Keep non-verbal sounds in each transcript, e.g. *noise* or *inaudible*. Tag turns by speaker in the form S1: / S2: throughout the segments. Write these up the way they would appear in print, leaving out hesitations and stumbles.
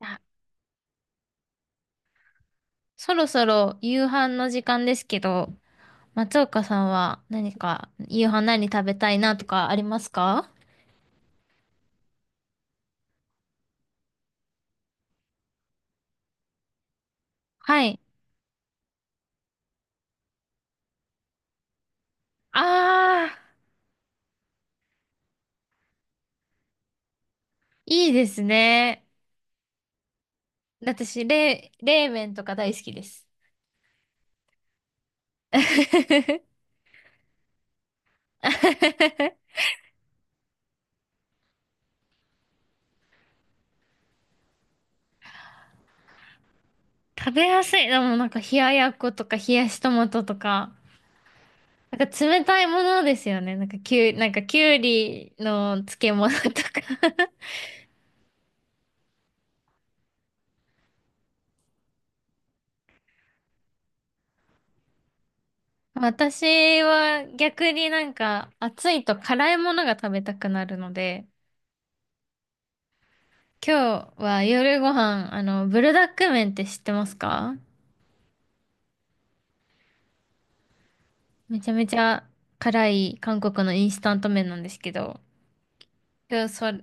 S1: あそろそろ夕飯の時間ですけど、松岡さんは何か夕飯何食べたいなとかありますか？はい。ああ、いいですね。私、冷、冷麺とか大好きです。*laughs* 食べやすい。でもなんか冷ややっことか冷やしトマトとか、なんか冷たいものですよね。なんかきゅう、なんかきゅうりの漬物とか、私は逆になんか暑いと辛いものが食べたくなるので、今日は夜ご飯、ブルダック麺って知ってますか？めちゃめちゃ辛い韓国のインスタント麺なんですけど、今日それ、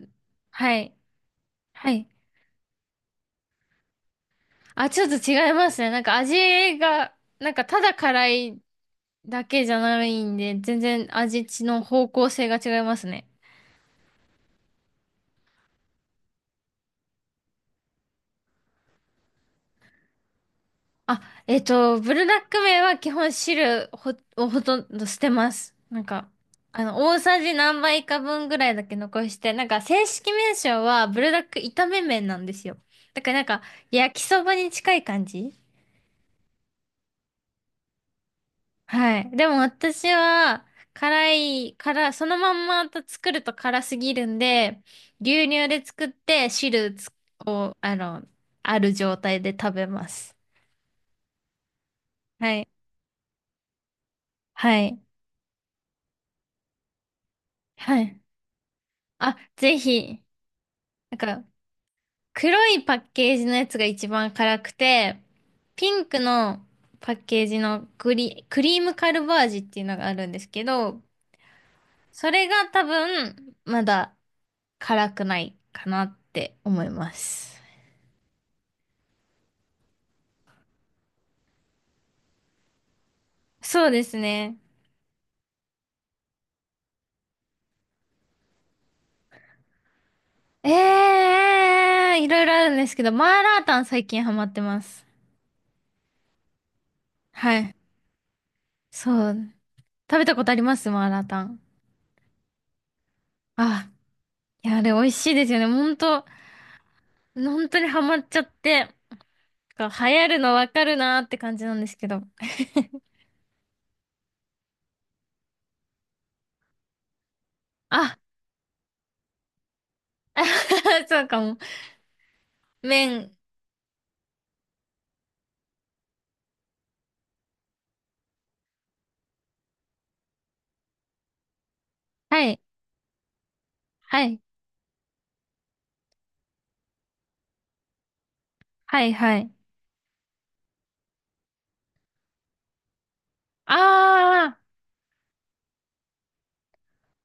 S1: はい、はい。あ、ちょっと違いますね。なんか味が、なんかただ辛いだけじゃないんで、全然味の方向性が違いますね。あ、ブルダック麺は基本汁ほをほとんど捨てます。なんか、大さじ何杯か分ぐらいだけ残して、なんか正式名称はブルダック炒め麺なんですよ。だからなんか、焼きそばに近い感じ。はい。でも私は、辛い、辛、そのまんまと作ると辛すぎるんで、牛乳で作って汁つを、ある状態で食べます。はい。はい。はい。あ、ぜひ。なんか、黒いパッケージのやつが一番辛くて、ピンクのパッケージのグリ、クリームカルバージっていうのがあるんですけど、それが多分、まだ辛くないかなって思います。そうですね。えいろいろあるんですけど、マーラータン最近ハマってます。はい。そう。食べたことありますマーラータン？あ、いや、あれ美味しいですよね。ほんと、ほんとにハマっちゃって。流行るのわかるなーって感じなんですけど。あ、*laughs* そうかも。麺。はい、はい、はい、はい。あー。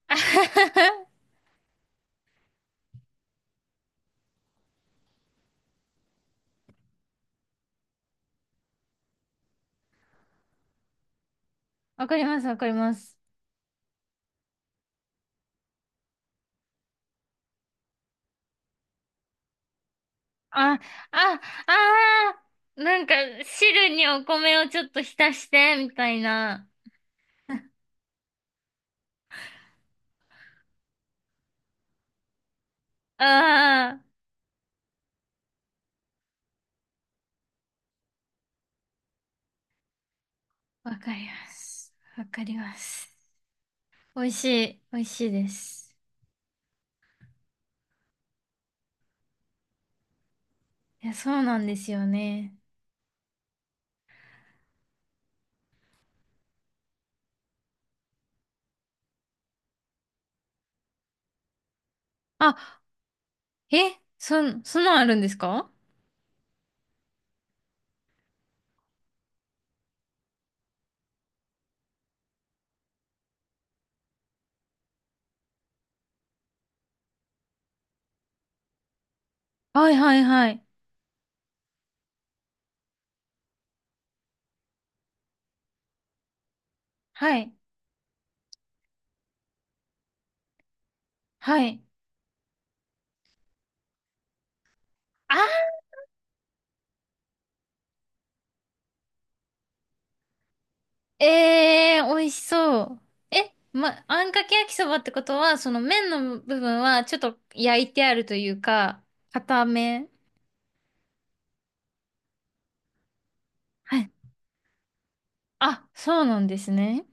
S1: *laughs* わかります、わかります。あ、あ、あー。なんか、汁にお米をちょっと浸して、みたいな。ああ、わかります。わかります。美味しい、美味しいです。いや、そうなんですよね。あ、え、そん、そんなんあるんですか？はいはいはい。はい。はい。あー、えー、美味しそう。え、ま、あんかけ焼きそばってことは、その麺の部分はちょっと焼いてあるというか、固め。はい。あ、そうなんですね。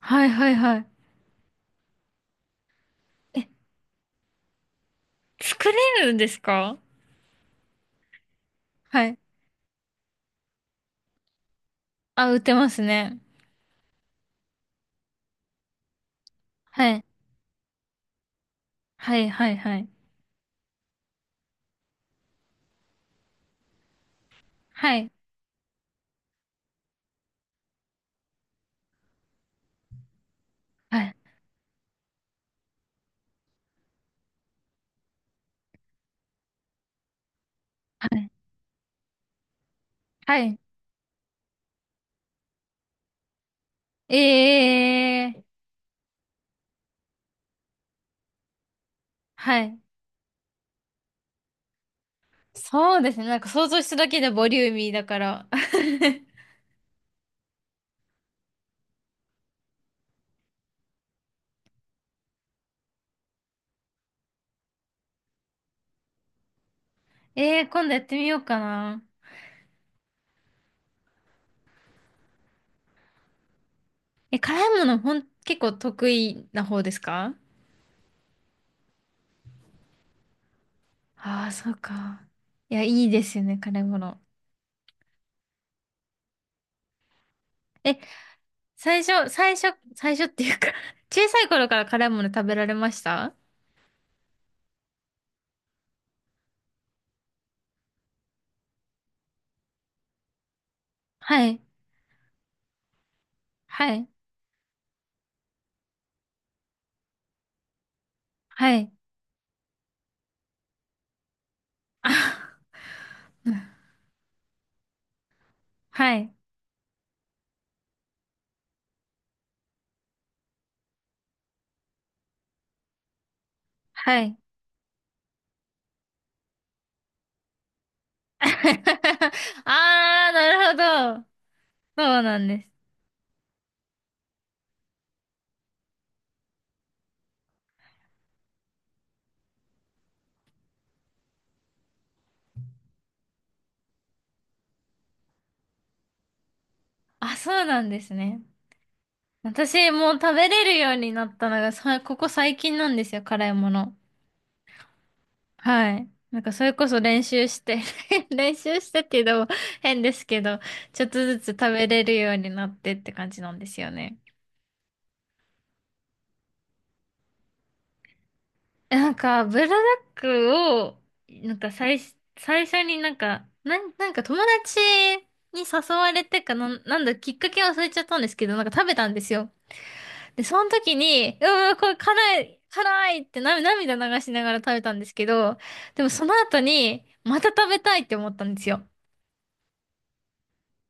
S1: はいはいはい。え、作れるんですか？はい。あ、売ってますね。はい。はいはいはい。はい。はい。はい。ええー、はい。そうですね。なんか想像しただけでボリューミーだから。*laughs* ええー、今度やってみようかな。え、辛いものほん、結構得意な方ですか？ああー、そうか。いや、いいですよね、辛いもの。え、最初、最初、最初っていうか *laughs* 小さい頃から辛いもの食べられました？はい、はい、はい、あ、はい、はい。*laughs* ああ、なるほど。そうなんです。あ、そうなんですね。私、もう食べれるようになったのが、さ、ここ最近なんですよ、辛いもの。はい。なんかそれこそ練習して *laughs* 練習してっていうのも *laughs* 変ですけど、ちょっとずつ食べれるようになってって感じなんですよね。なんか、ブラダックを、なんか最、最初になんか、なん、なんか友達に誘われてかなん、なんだ、きっかけ忘れちゃったんですけど、なんか食べたんですよ。で、その時に、うわ、これ辛い、辛いってな涙流しながら食べたんですけど、でもその後に、また食べたいって思ったんですよ。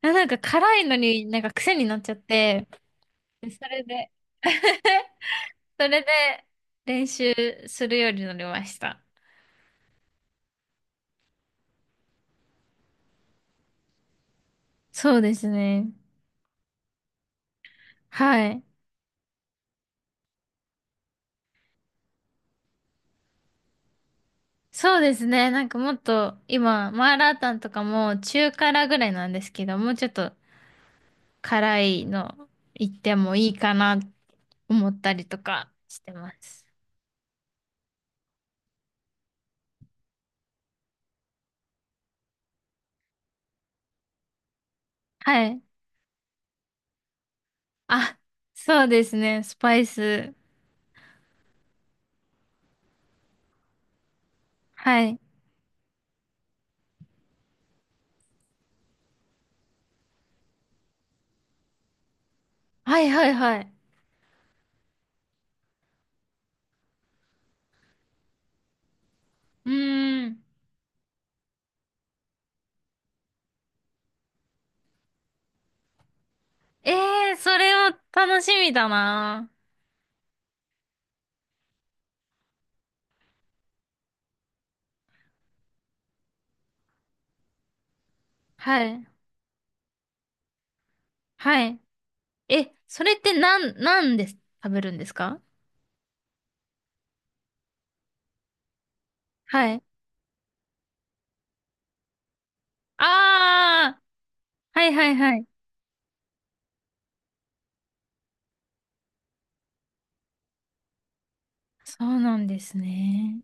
S1: あ、なんか辛いのになんか癖になっちゃって、それで、*laughs* それで練習するようになりました。そうですね。はい。そうですね。なんかもっと今、マーラータンとかも中辛ぐらいなんですけど、もうちょっと辛いの行ってもいいかな思ったりとかしてます。はい。あ、そうですね。スパイス。はい。はいはいはい。うーん。ええー、それは楽しみだな。はい。はい。え、それってなん、なんで食べるんですか？はい。ああ、はいはいはい。そうなんですね。